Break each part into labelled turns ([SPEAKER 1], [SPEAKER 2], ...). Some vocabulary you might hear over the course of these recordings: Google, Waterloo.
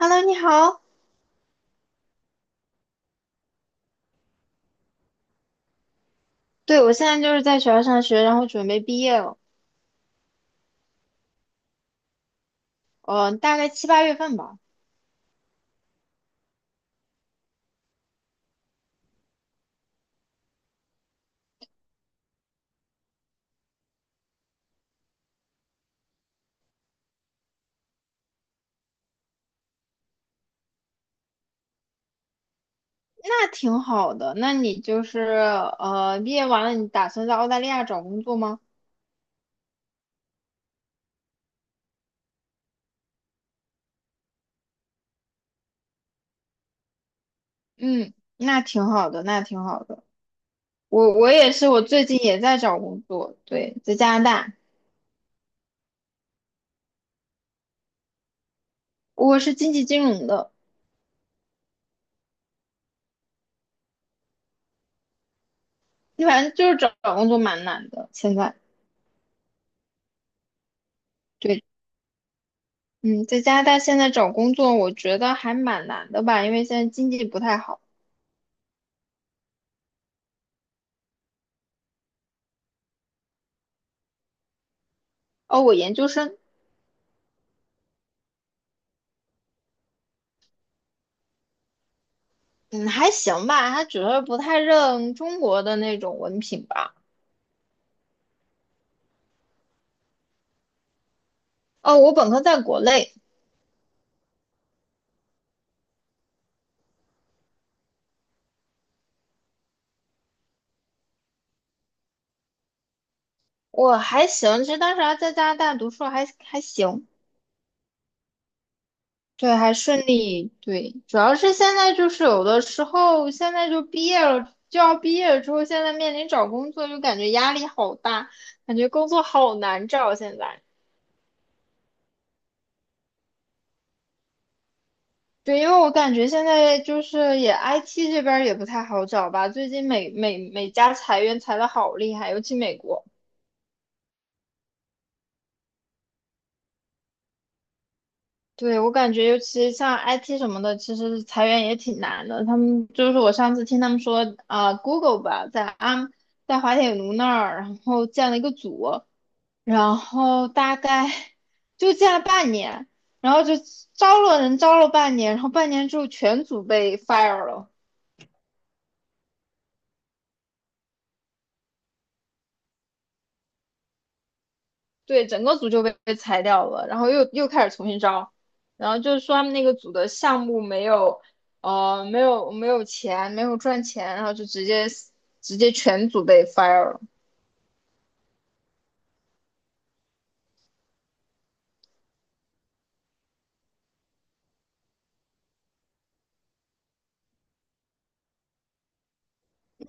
[SPEAKER 1] Hello，你好。对，我现在就是在学校上学，然后准备毕业了，大概七八月份吧。那挺好的。那你就是毕业完了，你打算在澳大利亚找工作吗？嗯，那挺好的，那挺好的。我也是，我最近也在找工作，对，在加拿大，我是经济金融的，你反正就是找找工作蛮难的，现在。对，嗯，在加拿大现在找工作，我觉得还蛮难的吧，因为现在经济不太好。哦，我研究生。嗯，还行吧，他只是不太认中国的那种文凭吧。哦，我本科在国内，我还行，其实当时还在加拿大读书还行，对，还顺利，对，主要是现在就是有的时候现在就毕业了，就要毕业了之后，现在面临找工作就感觉压力好大，感觉工作好难找现在。对，因为我感觉现在就是也 IT 这边儿也不太好找吧，最近每家裁员裁的好厉害，尤其美国。对，我感觉，尤其像 IT 什么的，其实裁员也挺难的。他们就是我上次听他们说，啊、g o o g l e 吧，在滑铁卢那儿，然后建了一个组，然后大概就建了半年，然后就招了人，招了半年，然后半年之后全组被 fire 了。对，整个组就被裁掉了，然后又开始重新招，然后就是说他们那个组的项目没有，没有钱，没有赚钱，然后就直接全组被 fire 了。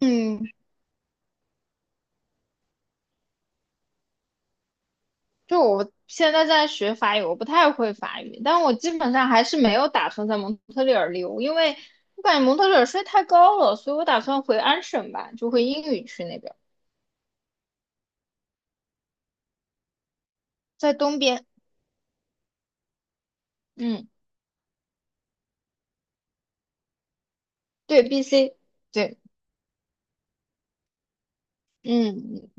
[SPEAKER 1] 嗯，就我现在在学法语，我不太会法语，但我基本上还是没有打算在蒙特利尔留，因为我感觉蒙特利尔税太高了，所以我打算回安省吧，就回英语区那边，在东边。嗯，对，BC,对，嗯，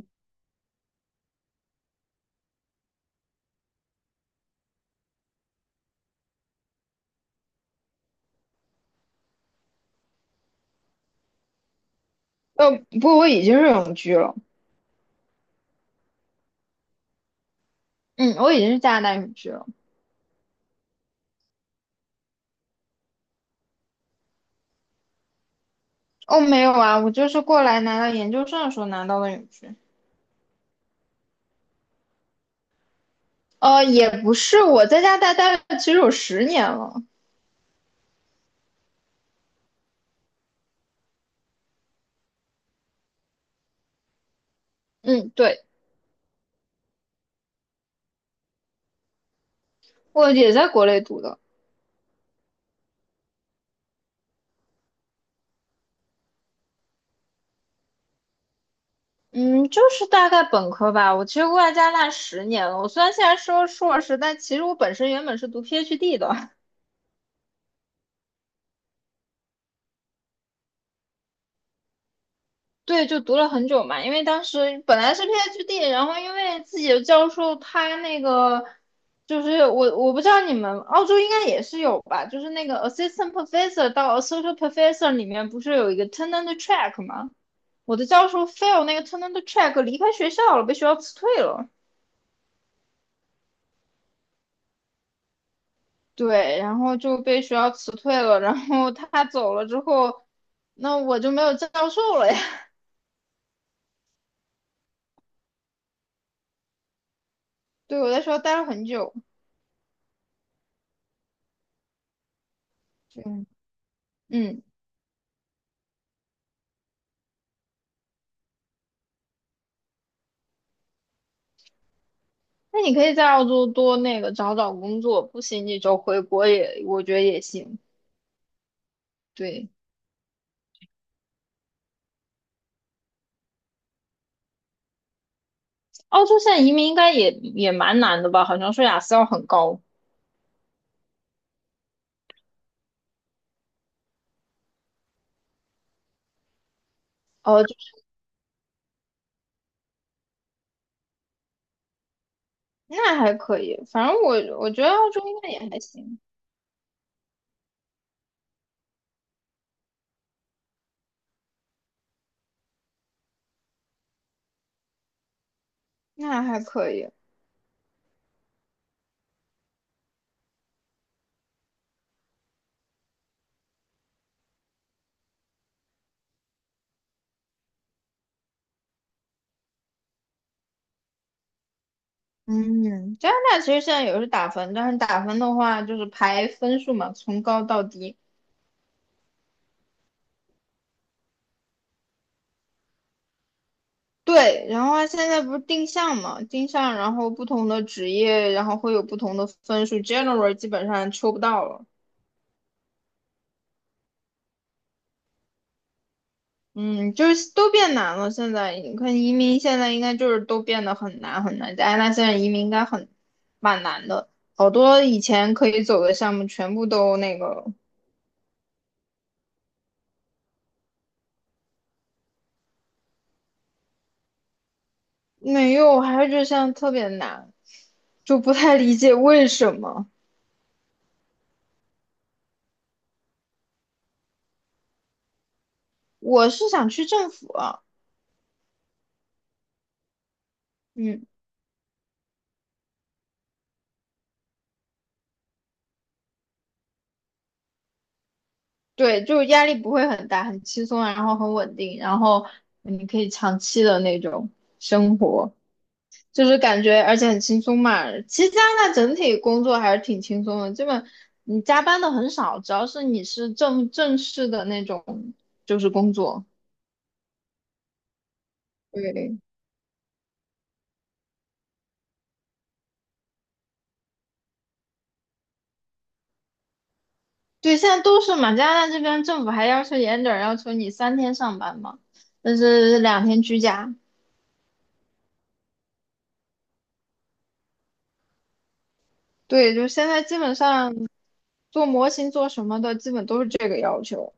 [SPEAKER 1] 不过我已经是永居了。嗯，我已经是加拿大永居了。哦，没有啊，我就是过来拿到研究生的时候拿到的永居。也不是，我在加拿大待了其实有十年了。嗯，对，我也在国内读的。嗯，就是大概本科吧。我其实过来加拿大十年了。我虽然现在说硕士，但其实我本身原本是读 PhD 的。对，就读了很久嘛，因为当时本来是 PhD,然后因为自己的教授他那个就是我不知道你们澳洲应该也是有吧，就是那个 assistant professor 到 associate professor 里面不是有一个 tenure track 吗？我的教授 fail 那个 tenure track 离开学校了，被学校辞退了。对，然后就被学校辞退了，然后他走了之后，那我就没有教授了呀。对，我在学校待了很久。对，嗯。那你可以在澳洲多那个找找工作，不行你就回国也，我觉得也行。对，澳洲现在移民应该也蛮难的吧？好像说雅思要很高。哦，就是那还可以，反正我觉得澳洲应该也还行，那还可以。嗯，加拿大其实现在也是打分，但是打分的话就是排分数嘛，从高到低。对，然后它现在不是定向嘛，定向，然后不同的职业，然后会有不同的分数。General 基本上抽不到了。嗯，就是都变难了。现在你看移民，现在应该就是都变得很难很难。加拿大现在移民应该很蛮难的，好多以前可以走的项目全部都那个没有，还是就现在特别难，就不太理解为什么。我是想去政府啊嗯，对，就是压力不会很大，很轻松，然后很稳定，然后你可以长期的那种生活。就是感觉而且很轻松嘛。其实加拿大整体工作还是挺轻松的，基本你加班的很少，只要是你是正式的那种就是工作。对对，现在都是嘛，加拿大这边政府还要求严点儿，要求你3天上班嘛，但是2天居家。对，就现在基本上做模型做什么的，基本都是这个要求。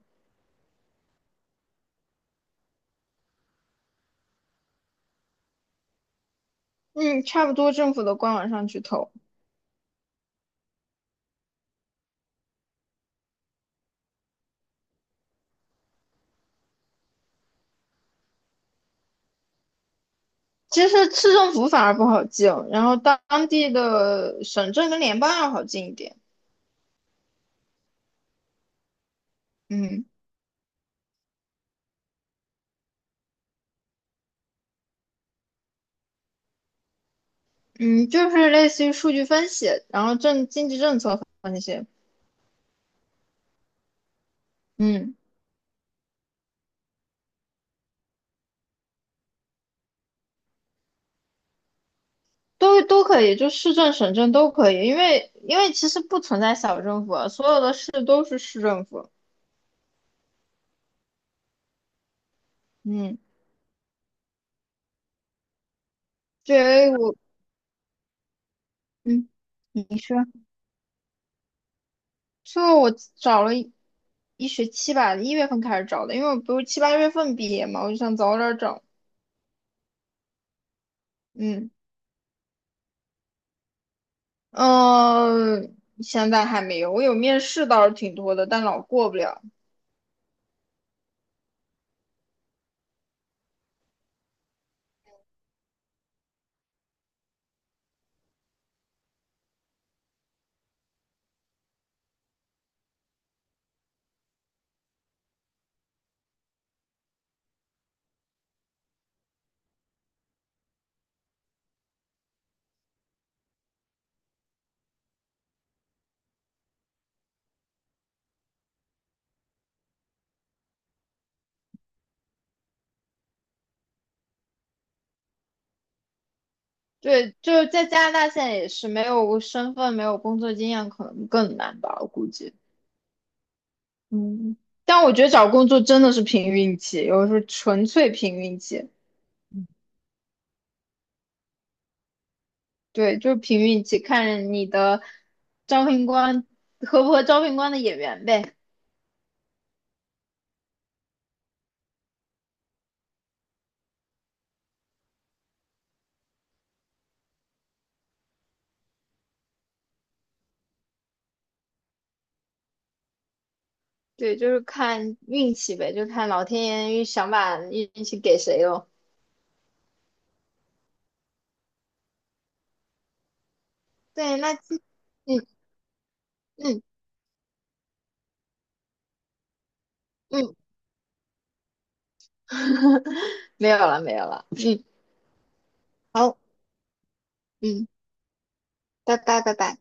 [SPEAKER 1] 嗯，差不多政府的官网上去投。其实市政府反而不好进，然后当地的省政跟联邦要好进一点。嗯嗯，就是类似于数据分析，然后政经济政策那些，嗯，都可以，就市政、省政都可以，因为其实不存在小政府啊，所有的市都是市政府。嗯，对我，嗯，你说，就我找了一学期吧，1月份开始找的，因为我不是七八月份毕业嘛，我就想早点找。嗯。嗯，现在还没有，我有面试倒是挺多的，但老过不了。对，就是在加拿大现在也是没有身份、没有工作经验，可能更难吧，我估计。嗯，但我觉得找工作真的是凭运气，有的时候纯粹凭运气。对，就是凭运气，看你的招聘官合不合招聘官的眼缘呗。对，就是看运气呗，就看老天爷想把运气给谁咯。对，嗯嗯嗯。没有了，没有了。嗯，好，嗯，拜拜，拜拜。